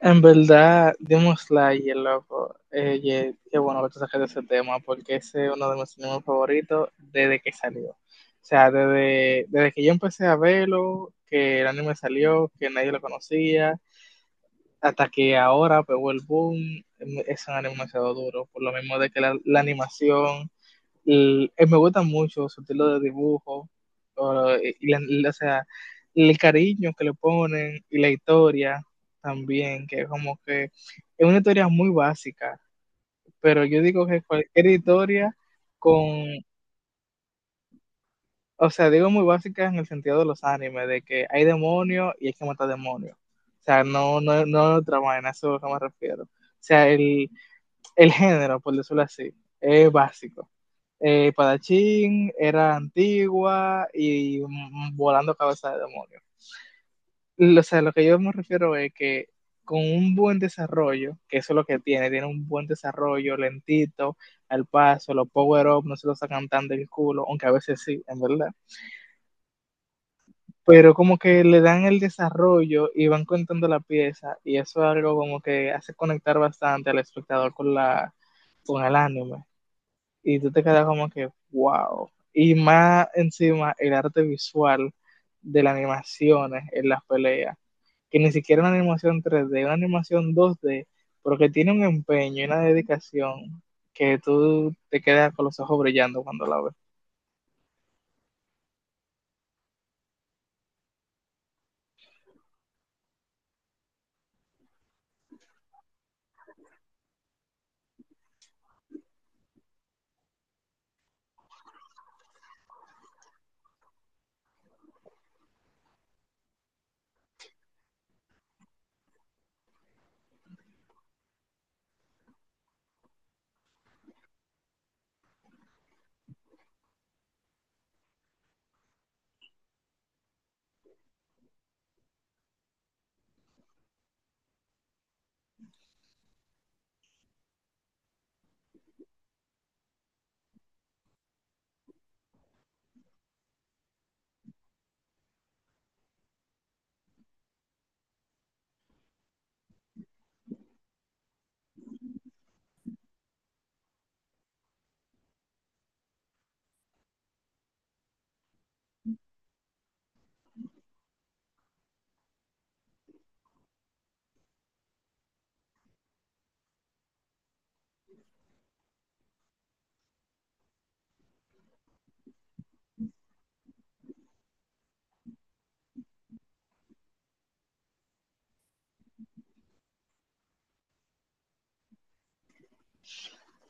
En verdad, Demon Slayer, loco, qué bueno que tú saques ese tema, porque ese es uno de mis animes favoritos desde que salió. O sea, desde que yo empecé a verlo, que el anime salió, que nadie lo conocía, hasta que ahora pegó el boom. Em, es un anime demasiado duro, por lo mismo de que la animación, me gusta mucho su estilo de dibujo, o, y la- la- o sea, el cariño que le ponen y la historia también, que como que es una historia muy básica, pero yo digo que cualquier historia con, o sea, digo muy básica en el sentido de los animes, de que hay demonios y hay que matar demonios. O sea, no, no, no es otra vaina, eso es a lo que me refiero. O sea, el género, por decirlo así, es básico. Padachín era antigua y volando cabeza de demonio. O sea, lo que yo me refiero es que con un buen desarrollo, que eso es lo que tiene, tiene un buen desarrollo, lentito, al paso, los power-up no se lo sacan tan del culo, aunque a veces sí, en verdad. Pero como que le dan el desarrollo y van contando la pieza, y eso es algo como que hace conectar bastante al espectador con con el anime. Y tú te quedas como que, wow. Y más encima el arte visual de las animaciones en las peleas, que ni siquiera una animación 3D, una animación 2D, pero que tiene un empeño y una dedicación que tú te quedas con los ojos brillando cuando la ves.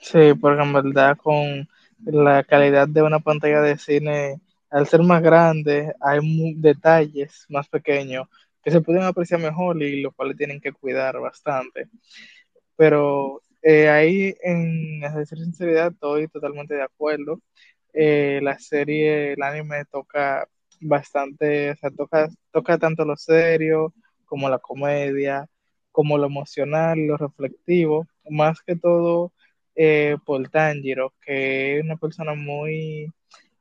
Sí, porque en verdad con la calidad de una pantalla de cine, al ser más grande, hay detalles más pequeños que se pueden apreciar mejor y los cuales tienen que cuidar bastante. Pero ahí, en a decir sinceridad, estoy totalmente de acuerdo. La serie, el anime toca bastante, o sea, toca tanto lo serio como la comedia, como lo emocional, lo reflectivo, más que todo por Tanjiro, que es una persona muy,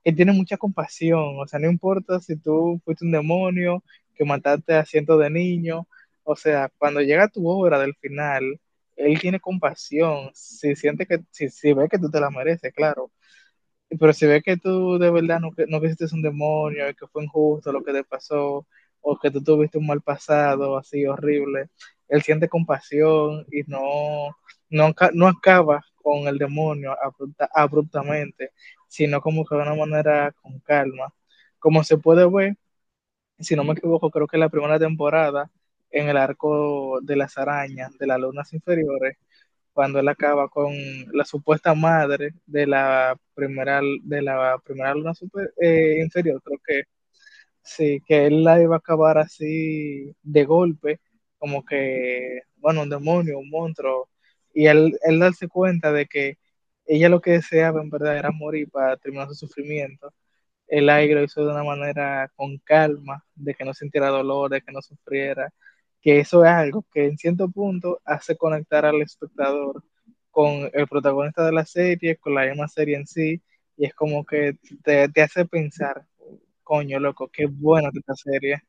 él tiene mucha compasión, o sea, no importa si tú fuiste un demonio, que mataste a cientos de niños, o sea, cuando llega tu obra del final, él tiene compasión, si siente que, si ve que tú te la mereces, claro. Pero si ves que tú de verdad no, no creíste un demonio, y que fue injusto lo que te pasó, o que tú tuviste un mal pasado así horrible, él siente compasión y no, no, no acaba con el demonio abruptamente, sino como que de una manera con calma. Como se puede ver, si no me equivoco, creo que en la primera temporada, en el arco de las arañas, de las lunas inferiores, cuando él acaba con la supuesta madre de de la primera luna super, inferior, creo que sí, que él la iba a acabar así de golpe, como que, bueno, un demonio, un monstruo, y él darse cuenta de que ella lo que deseaba en verdad era morir para terminar su sufrimiento, el aire lo hizo de una manera con calma, de que no sintiera dolor, de que no sufriera, que eso es algo que en cierto punto hace conectar al espectador con el protagonista de la serie, con la misma serie en sí, y es como que te hace pensar, coño, loco, qué buena esta serie.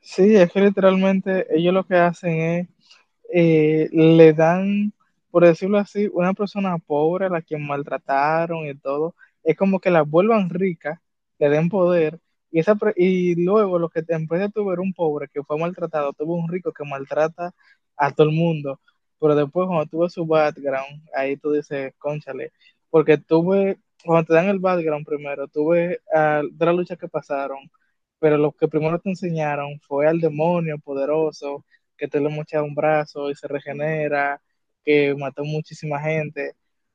Sí, es que literalmente ellos lo que hacen es le dan, por decirlo así, una persona pobre a la que maltrataron y todo, es como que la vuelvan rica, le den poder, y, esa, y luego lo que te empieza a tuvo era un pobre que fue maltratado, tuvo un rico que maltrata a todo el mundo, pero después cuando tuve su background, ahí tú dices, cónchale, porque tuve, cuando te dan el background primero, tuve de las luchas que pasaron, pero lo que primero te enseñaron fue al demonio poderoso, que te lo mochas un brazo y se regenera, que mató muchísima gente.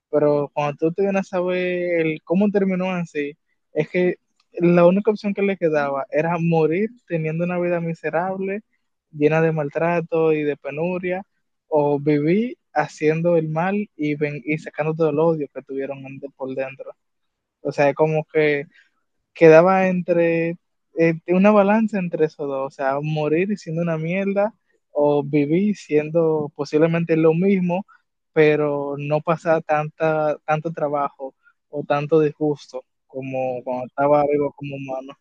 Pero cuando tú te vienes a saber el cómo terminó así, es que la única opción que le quedaba era morir teniendo una vida miserable, llena de maltrato y de penuria, o vivir haciendo el mal y, ven y sacando todo el odio que tuvieron por dentro. O sea, es como que quedaba entre una balanza entre esos dos, o sea, morir siendo una mierda o vivir siendo posiblemente lo mismo, pero no pasar tanto trabajo o tanto disgusto como cuando estaba vivo como humano.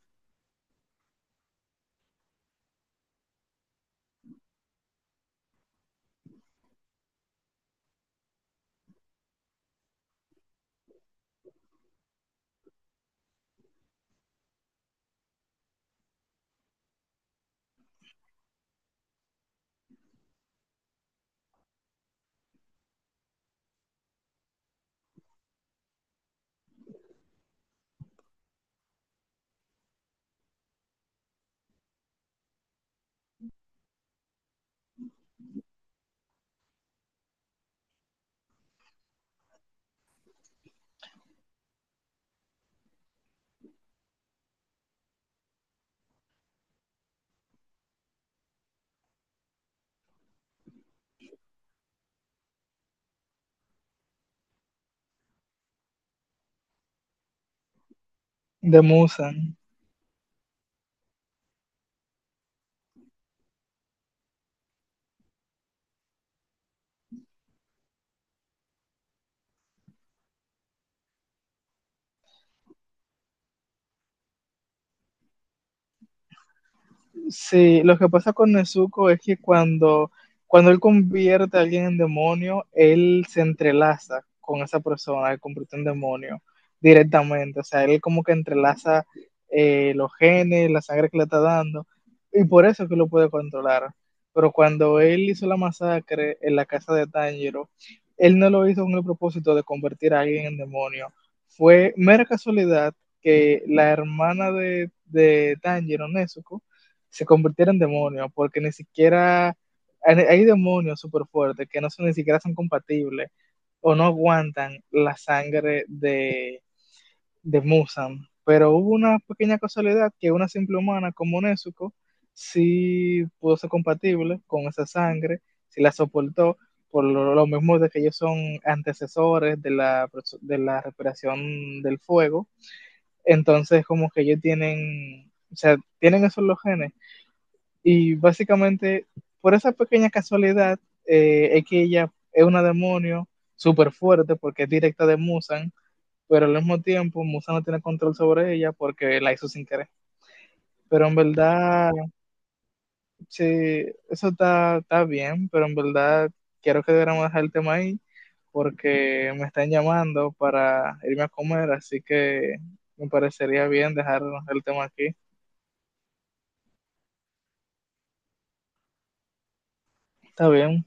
De Musan. Sí, lo que pasa con Nezuko es que cuando él convierte a alguien en demonio, él se entrelaza con esa persona que convierte en demonio directamente. O sea, él como que entrelaza los genes, la sangre que le está dando, y por eso es que lo puede controlar. Pero cuando él hizo la masacre en la casa de Tanjiro, él no lo hizo con el propósito de convertir a alguien en demonio. Fue mera casualidad que la hermana de Tanjiro, Nezuko, se convirtiera en demonio, porque ni siquiera hay demonios súper fuertes que no son, ni siquiera son compatibles o no aguantan la sangre de Musan. Pero hubo una pequeña casualidad que una simple humana como Nezuko sí pudo ser compatible con esa sangre, sí la soportó, por mismo de que ellos son antecesores de de la respiración del fuego. Entonces, como que ellos tienen, o sea, tienen esos los genes y básicamente, por esa pequeña casualidad, es que ella es una demonio súper fuerte porque es directa de Musan, pero al mismo tiempo Musan no tiene control sobre ella porque la hizo sin querer. Pero en verdad, sí, eso está, está bien, pero en verdad quiero que deberíamos dejar el tema ahí porque me están llamando para irme a comer, así que me parecería bien dejar el tema aquí. Está bien.